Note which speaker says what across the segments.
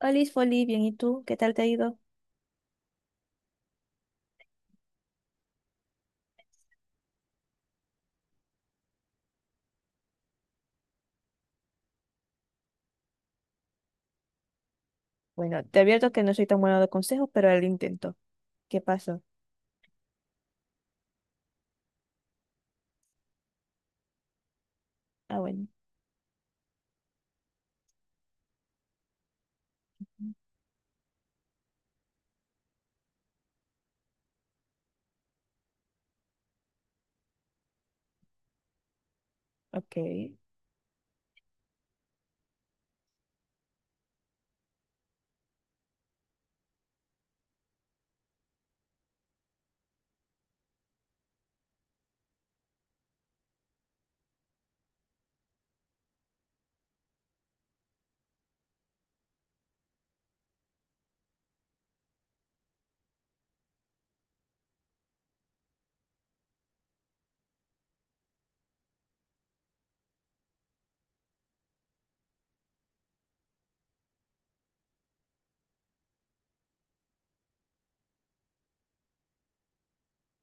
Speaker 1: Olis, Foli, bien, ¿y tú? ¿Qué tal te ha ido? Bueno, te advierto que no soy tan bueno de consejos, pero al intento. ¿Qué pasó? Ah, bueno. Ok.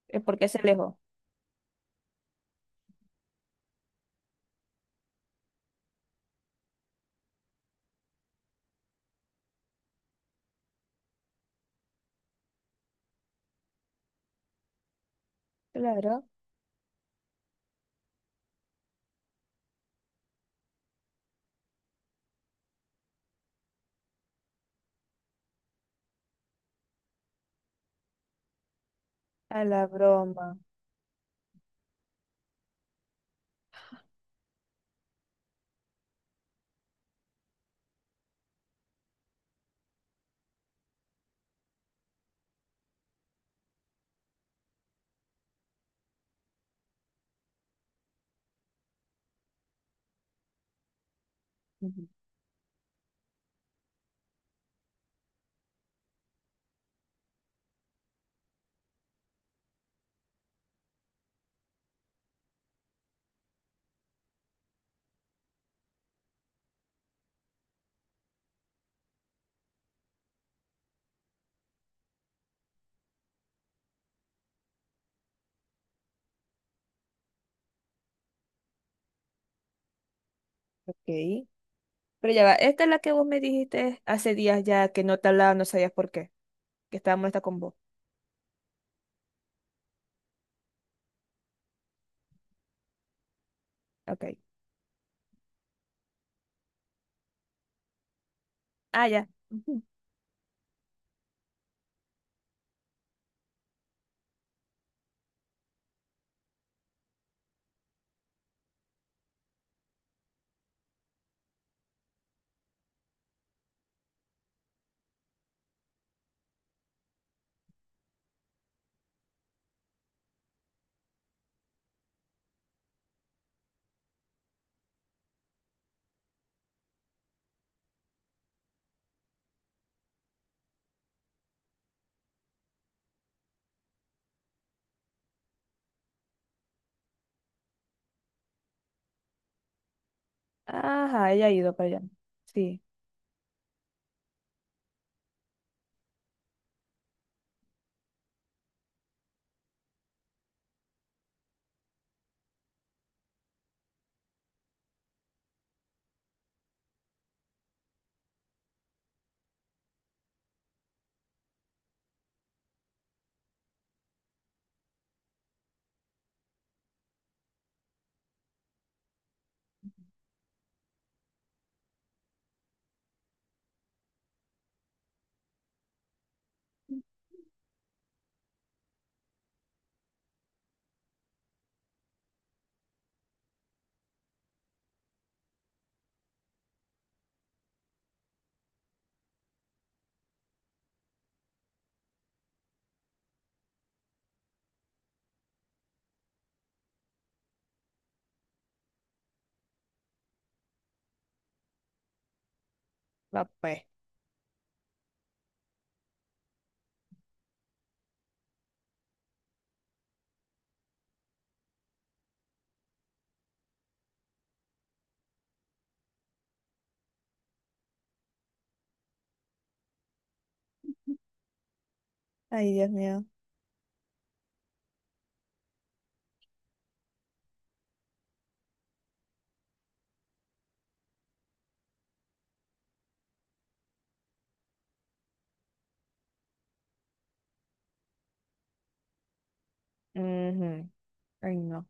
Speaker 1: ¿Eh, ¿por qué se alejó? Claro, a la broma. Ujú. Ok. Pero ya va, esta es la que vos me dijiste hace días ya que no te hablaba, no sabías por qué, que estaba molesta con vos. Ok. Ah, ya. Ujú. Ajá, ella ha ido para allá. Sí. Va pues. Ay, Dios mío. Ujú. Ay, no.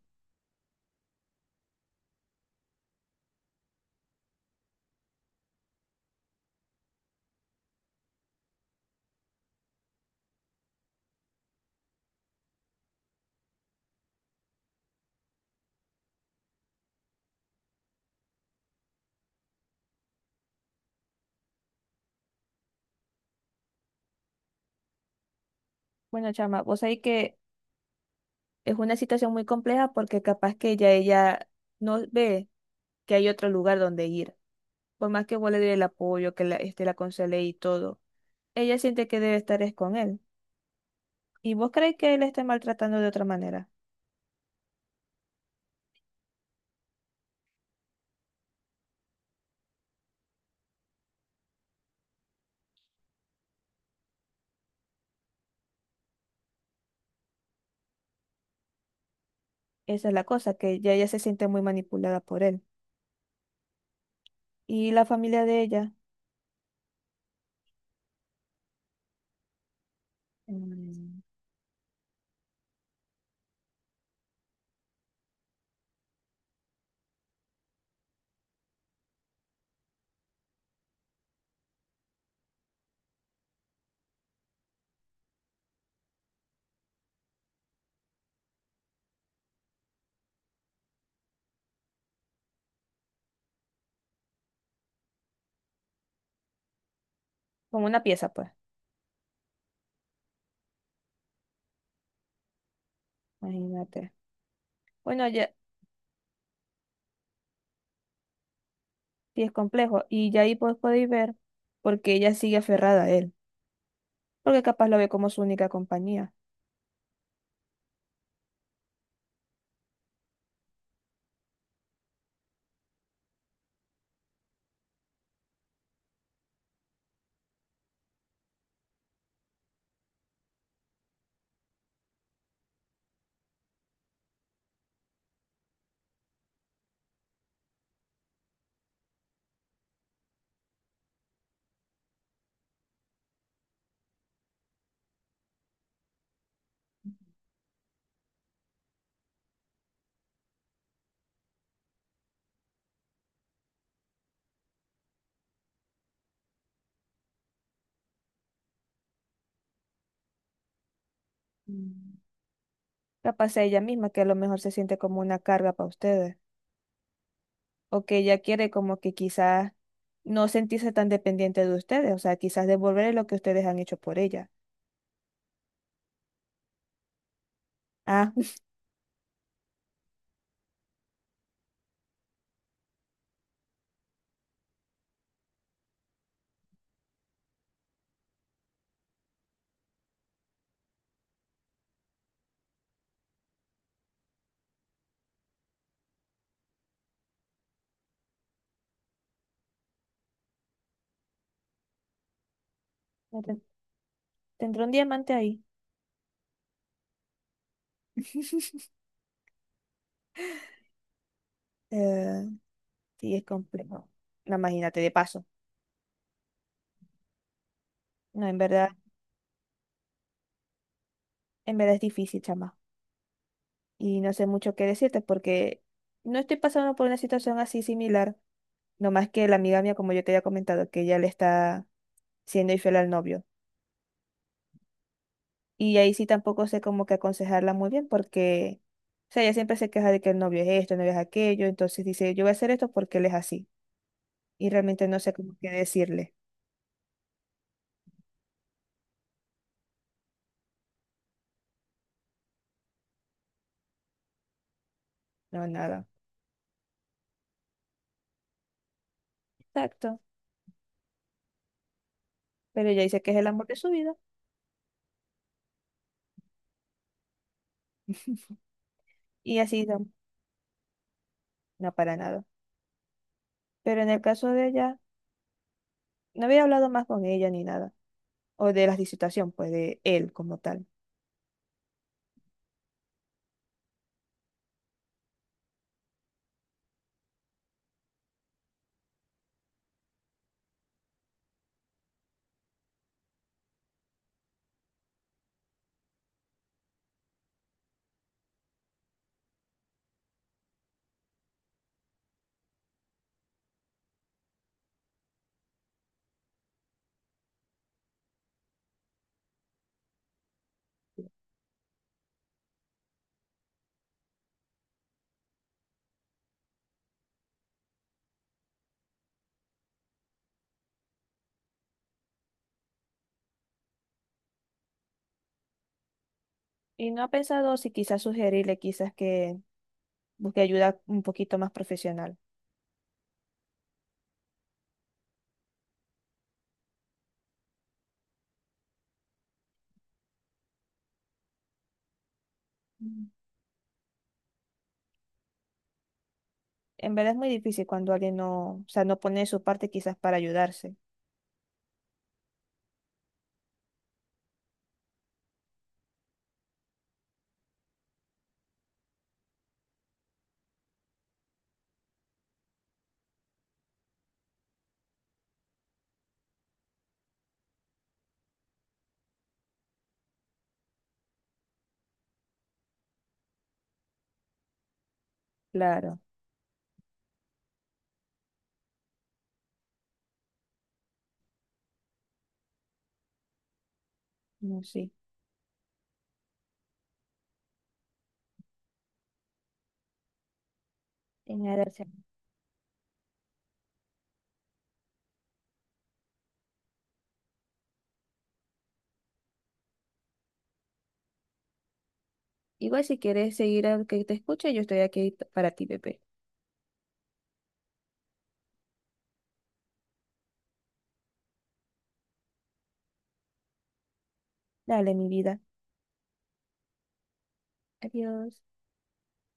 Speaker 1: Bueno, chama, vos sabés que es una situación muy compleja porque capaz que ya ella no ve que hay otro lugar donde ir. Por más que vos le dé el apoyo, que la, la aconsele y todo, ella siente que debe estar es con él. Y vos creéis que él la esté maltratando de otra manera. Esa es la cosa, que ya ella se siente muy manipulada por él. Y la familia de ella, mm, como una pieza, pues, imagínate. Bueno, ya sí es complejo. Y ya ahí pues podéis ver porque ella sigue aferrada a él. Porque capaz lo ve como su única compañía. Mm. Capaz sea ella misma que a lo mejor se siente como una carga para ustedes, o que ella quiere como que quizás no sentirse tan dependiente de ustedes, o sea, quizás devolverle lo que ustedes han hecho por ella. Ah, no ten- tendrá un diamante ahí. Eh, sí, es complejo. No, imagínate, de paso. No, en verdad es difícil, chama. Y no sé mucho qué decirte porque no estoy pasando por una situación así similar, no más que la amiga mía, como yo te había comentado, que ella le está siendo infiel al novio. Y ahí sí tampoco sé como que aconsejarla muy bien porque, o sea, ella siempre se queja de que el novio es esto, el novio es aquello, entonces dice, yo voy a hacer esto porque él es así. Y realmente no sé cómo qué decirle, no, nada. Exacto. Pero ella dice que es el amor de su vida y así no, no para nada. Pero en el caso de ella, no había hablado más con ella ni nada, o de la situación, pues de él como tal. Y no ha pensado si quizás sugerirle, quizás que busque ayuda un poquito más profesional. En verdad es muy difícil cuando alguien no, o sea, no pone de su parte quizás para ayudarse. Claro, no, sí. En adelante. Igual si quieres seguir al que te escuche, yo estoy aquí para ti, bebé. Dale, mi vida. Adiós.